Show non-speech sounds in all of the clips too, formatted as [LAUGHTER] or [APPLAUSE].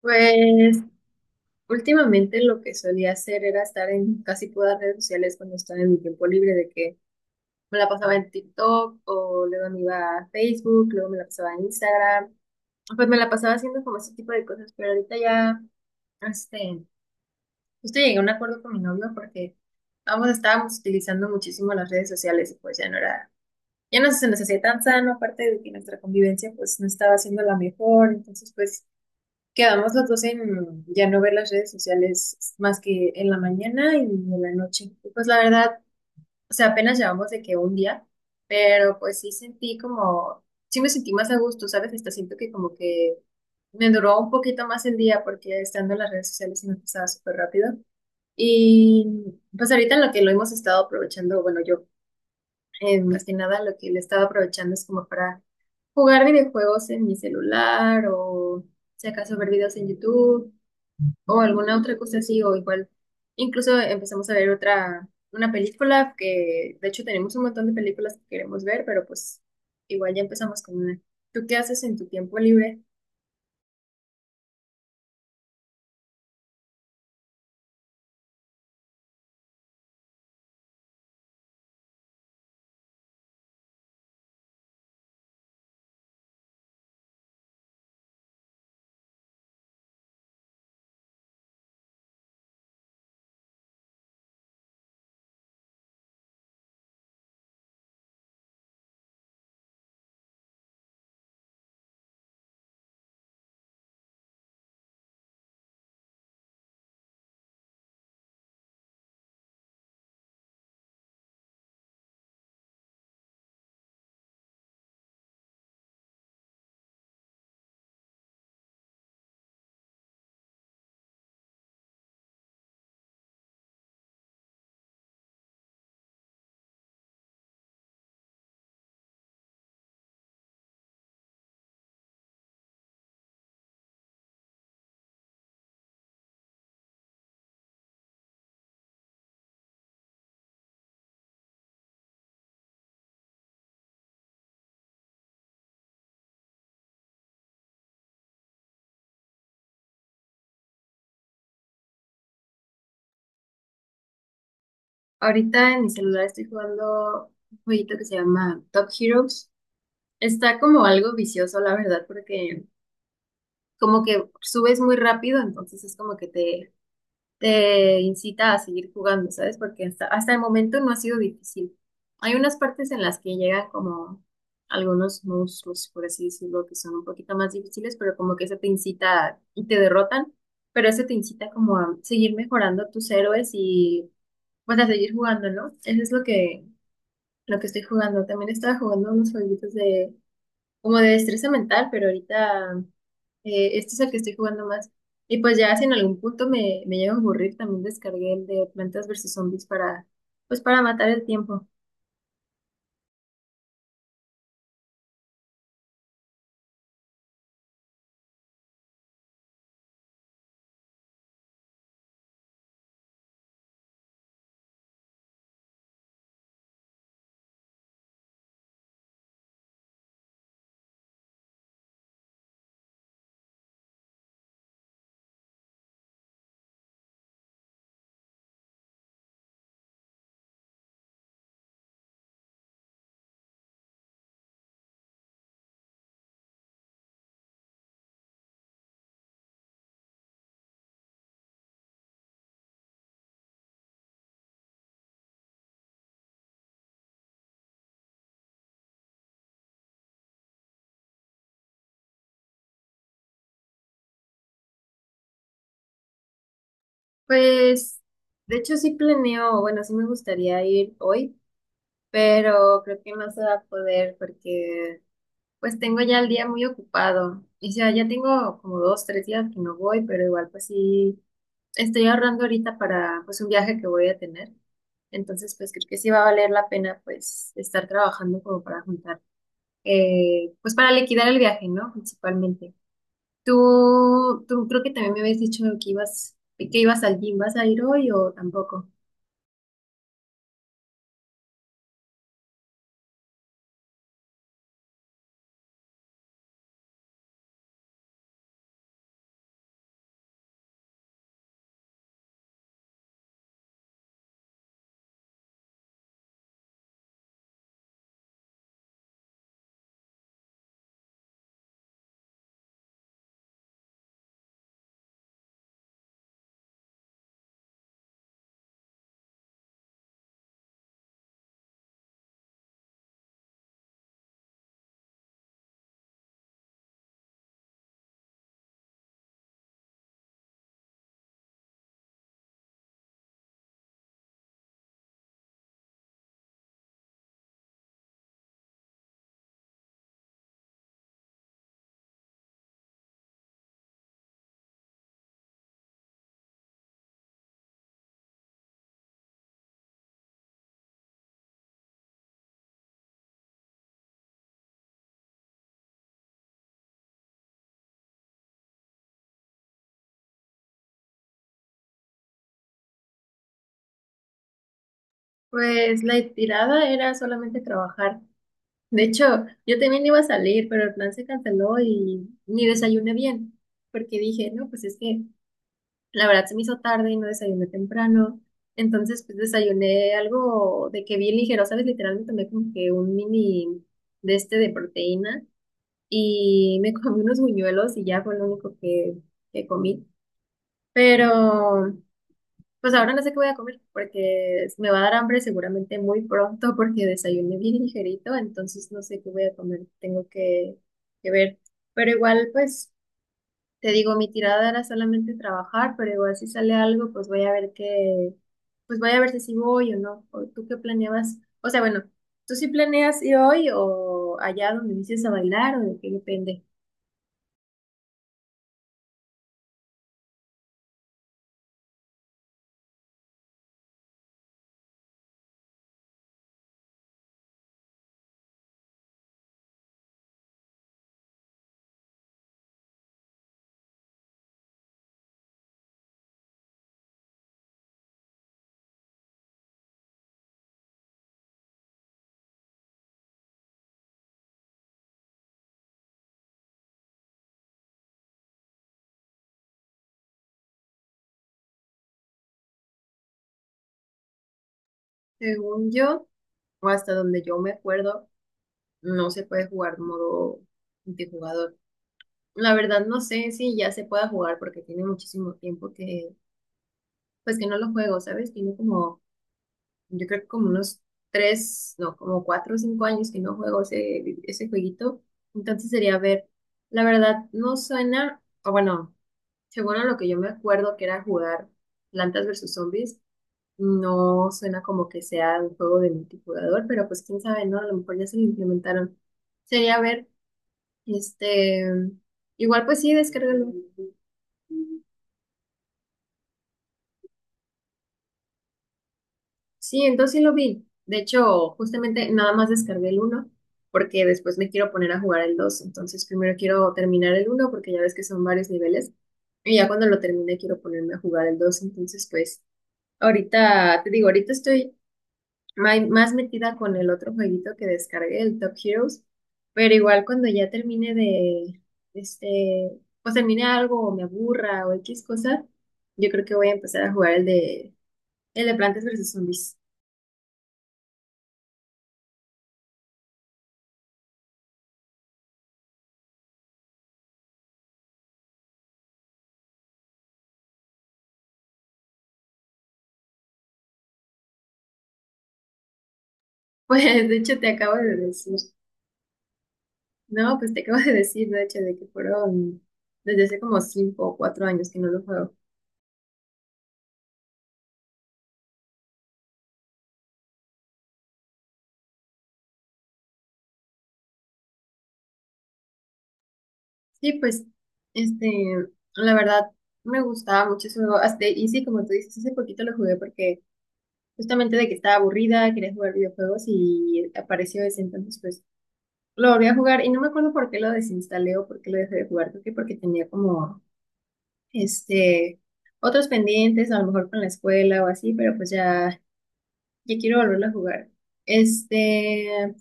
Pues últimamente lo que solía hacer era estar en casi todas las redes sociales cuando estaba en mi tiempo libre, de que me la pasaba en TikTok o luego me iba a Facebook, luego me la pasaba en Instagram, pues me la pasaba haciendo como ese tipo de cosas, pero ahorita ya, este, justo llegué a un acuerdo con mi novio porque ambos estábamos utilizando muchísimo las redes sociales y pues ya no era, ya no se nos hacía tan sano, aparte de que nuestra convivencia pues no estaba siendo la mejor, entonces pues... Quedamos los dos en ya no ver las redes sociales más que en la mañana y en la noche. Y pues la verdad, o sea, apenas llevamos de que un día, pero pues sí sentí como, sí me sentí más a gusto, ¿sabes? Hasta siento que como que me duró un poquito más el día porque estando en las redes sociales se me pasaba súper rápido. Y pues ahorita lo que lo hemos estado aprovechando, bueno, yo más que nada lo que le estaba aprovechando es como para jugar videojuegos en mi celular o si acaso ver videos en YouTube o alguna otra cosa así, o igual, incluso empezamos a ver otra, una película que, de hecho, tenemos un montón de películas que queremos ver, pero pues igual ya empezamos con una. ¿Tú qué haces en tu tiempo libre? Ahorita en mi celular estoy jugando un jueguito que se llama Top Heroes. Está como algo vicioso, la verdad, porque como que subes muy rápido, entonces es como que te incita a seguir jugando, ¿sabes? Porque hasta el momento no ha sido difícil. Hay unas partes en las que llegan como algunos monstruos, por así decirlo, que son un poquito más difíciles, pero como que eso te incita y te derrotan, pero eso te incita como a seguir mejorando tus héroes y pues a seguir jugando, ¿no? Eso es lo que estoy jugando. También estaba jugando unos jueguitos de como de destreza mental, pero ahorita este es el que estoy jugando más. Y pues ya si en algún punto me llega a aburrir, también descargué el de Plantas versus Zombies para, pues para matar el tiempo. Pues, de hecho sí planeo, bueno, sí me gustaría ir hoy, pero creo que no se va a poder porque pues tengo ya el día muy ocupado. Y sea, ya tengo como dos, tres días que no voy, pero igual pues sí estoy ahorrando ahorita para pues un viaje que voy a tener. Entonces, pues creo que sí va a valer la pena pues estar trabajando como para juntar pues para liquidar el viaje, ¿no? Principalmente. Tú creo que también me habías dicho que ibas al gym, ¿vas a ir hoy o tampoco? Pues la tirada era solamente trabajar. De hecho, yo también iba a salir, pero el plan se canceló y ni desayuné bien, porque dije, no, pues es que la verdad se me hizo tarde y no desayuné temprano. Entonces, pues desayuné algo de que bien ligero, ¿sabes? Literal me tomé como que un mini de este de proteína. Y me comí unos buñuelos y ya fue lo único que comí. Pero pues ahora no sé qué voy a comer porque me va a dar hambre seguramente muy pronto porque desayuné bien ligerito, entonces no sé qué voy a comer, tengo que ver. Pero igual pues te digo, mi tirada era solamente trabajar, pero igual si sale algo pues voy a ver qué, pues voy a ver si sí voy o no. ¿O ¿Tú qué planeabas? O sea, bueno, ¿tú sí planeas ir hoy o allá donde dices a bailar o de qué depende? Según yo. O hasta donde yo me acuerdo, no se puede jugar modo multijugador. La verdad no sé si ya se pueda jugar porque tiene muchísimo tiempo que, pues que no lo juego, ¿sabes? Tiene como, yo creo que como unos tres, no, como 4 o 5 años que no juego ese, ese jueguito. Entonces sería ver, la verdad no suena, o bueno, según a lo que yo me acuerdo que era jugar Plantas versus Zombies, no suena como que sea un juego de multijugador, pero pues quién sabe, ¿no? A lo mejor ya se lo implementaron. Sería ver, este, igual pues sí, descárgalo. Sí, entonces sí lo vi. De hecho, justamente nada más descargué el uno porque después me quiero poner a jugar el dos. Entonces primero quiero terminar el uno porque ya ves que son varios niveles. Y ya cuando lo termine quiero ponerme a jugar el dos. Entonces pues ahorita, te digo, ahorita estoy más metida con el otro jueguito que descargué, el Top Heroes, pero igual cuando ya termine de, este, pues termine algo o me aburra o X cosa, yo creo que voy a empezar a jugar el de Plantas versus Zombies. [LAUGHS] Pues de hecho te acabo de decir, no, pues te acabo de decir, de hecho, de que fueron desde hace como 5 o 4 años que no lo juego. Sí, pues, este, la verdad me gustaba mucho eso, hasta, y sí, como tú dices, hace poquito lo jugué porque justamente de que estaba aburrida, quería jugar videojuegos y apareció ese, entonces pues lo volví a jugar y no me acuerdo por qué lo desinstalé o por qué lo dejé de jugar, creo que porque tenía como este otros pendientes, a lo mejor con la escuela o así, pero pues ya, ya quiero volverlo a jugar. Este,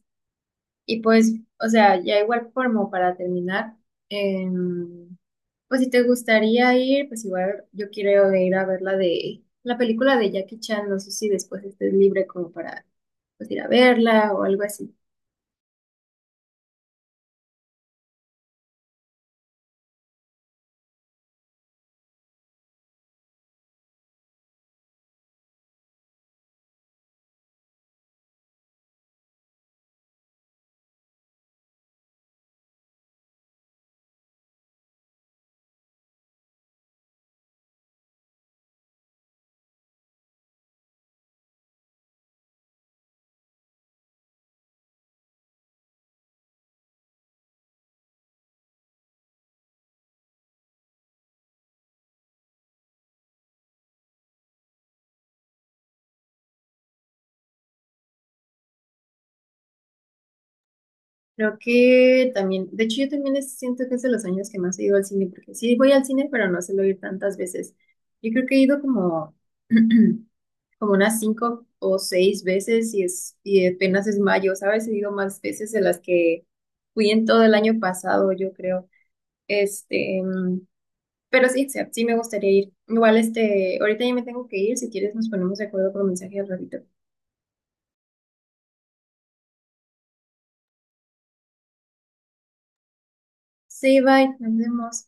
y pues, o sea, ya igual como para terminar, em, pues si te gustaría ir, pues igual yo quiero ir a ver la de la película de Jackie Chan, no sé si después estés libre como para pues ir a verla o algo así. Creo que también, de hecho yo también siento que es de los años que más he ido al cine, porque sí voy al cine, pero no suelo ir tantas veces. Yo creo que he ido como, [CLEARS THROAT] como unas 5 o 6 veces y es, y apenas es mayo, ¿sabes? He ido más veces de las que fui en todo el año pasado, yo creo. Este, mm, Pero sí, Seb, sí me gustaría ir. Igual, ahorita ya me tengo que ir. Si quieres, nos ponemos de acuerdo por mensaje al ratito. Sí, bye, nos vemos.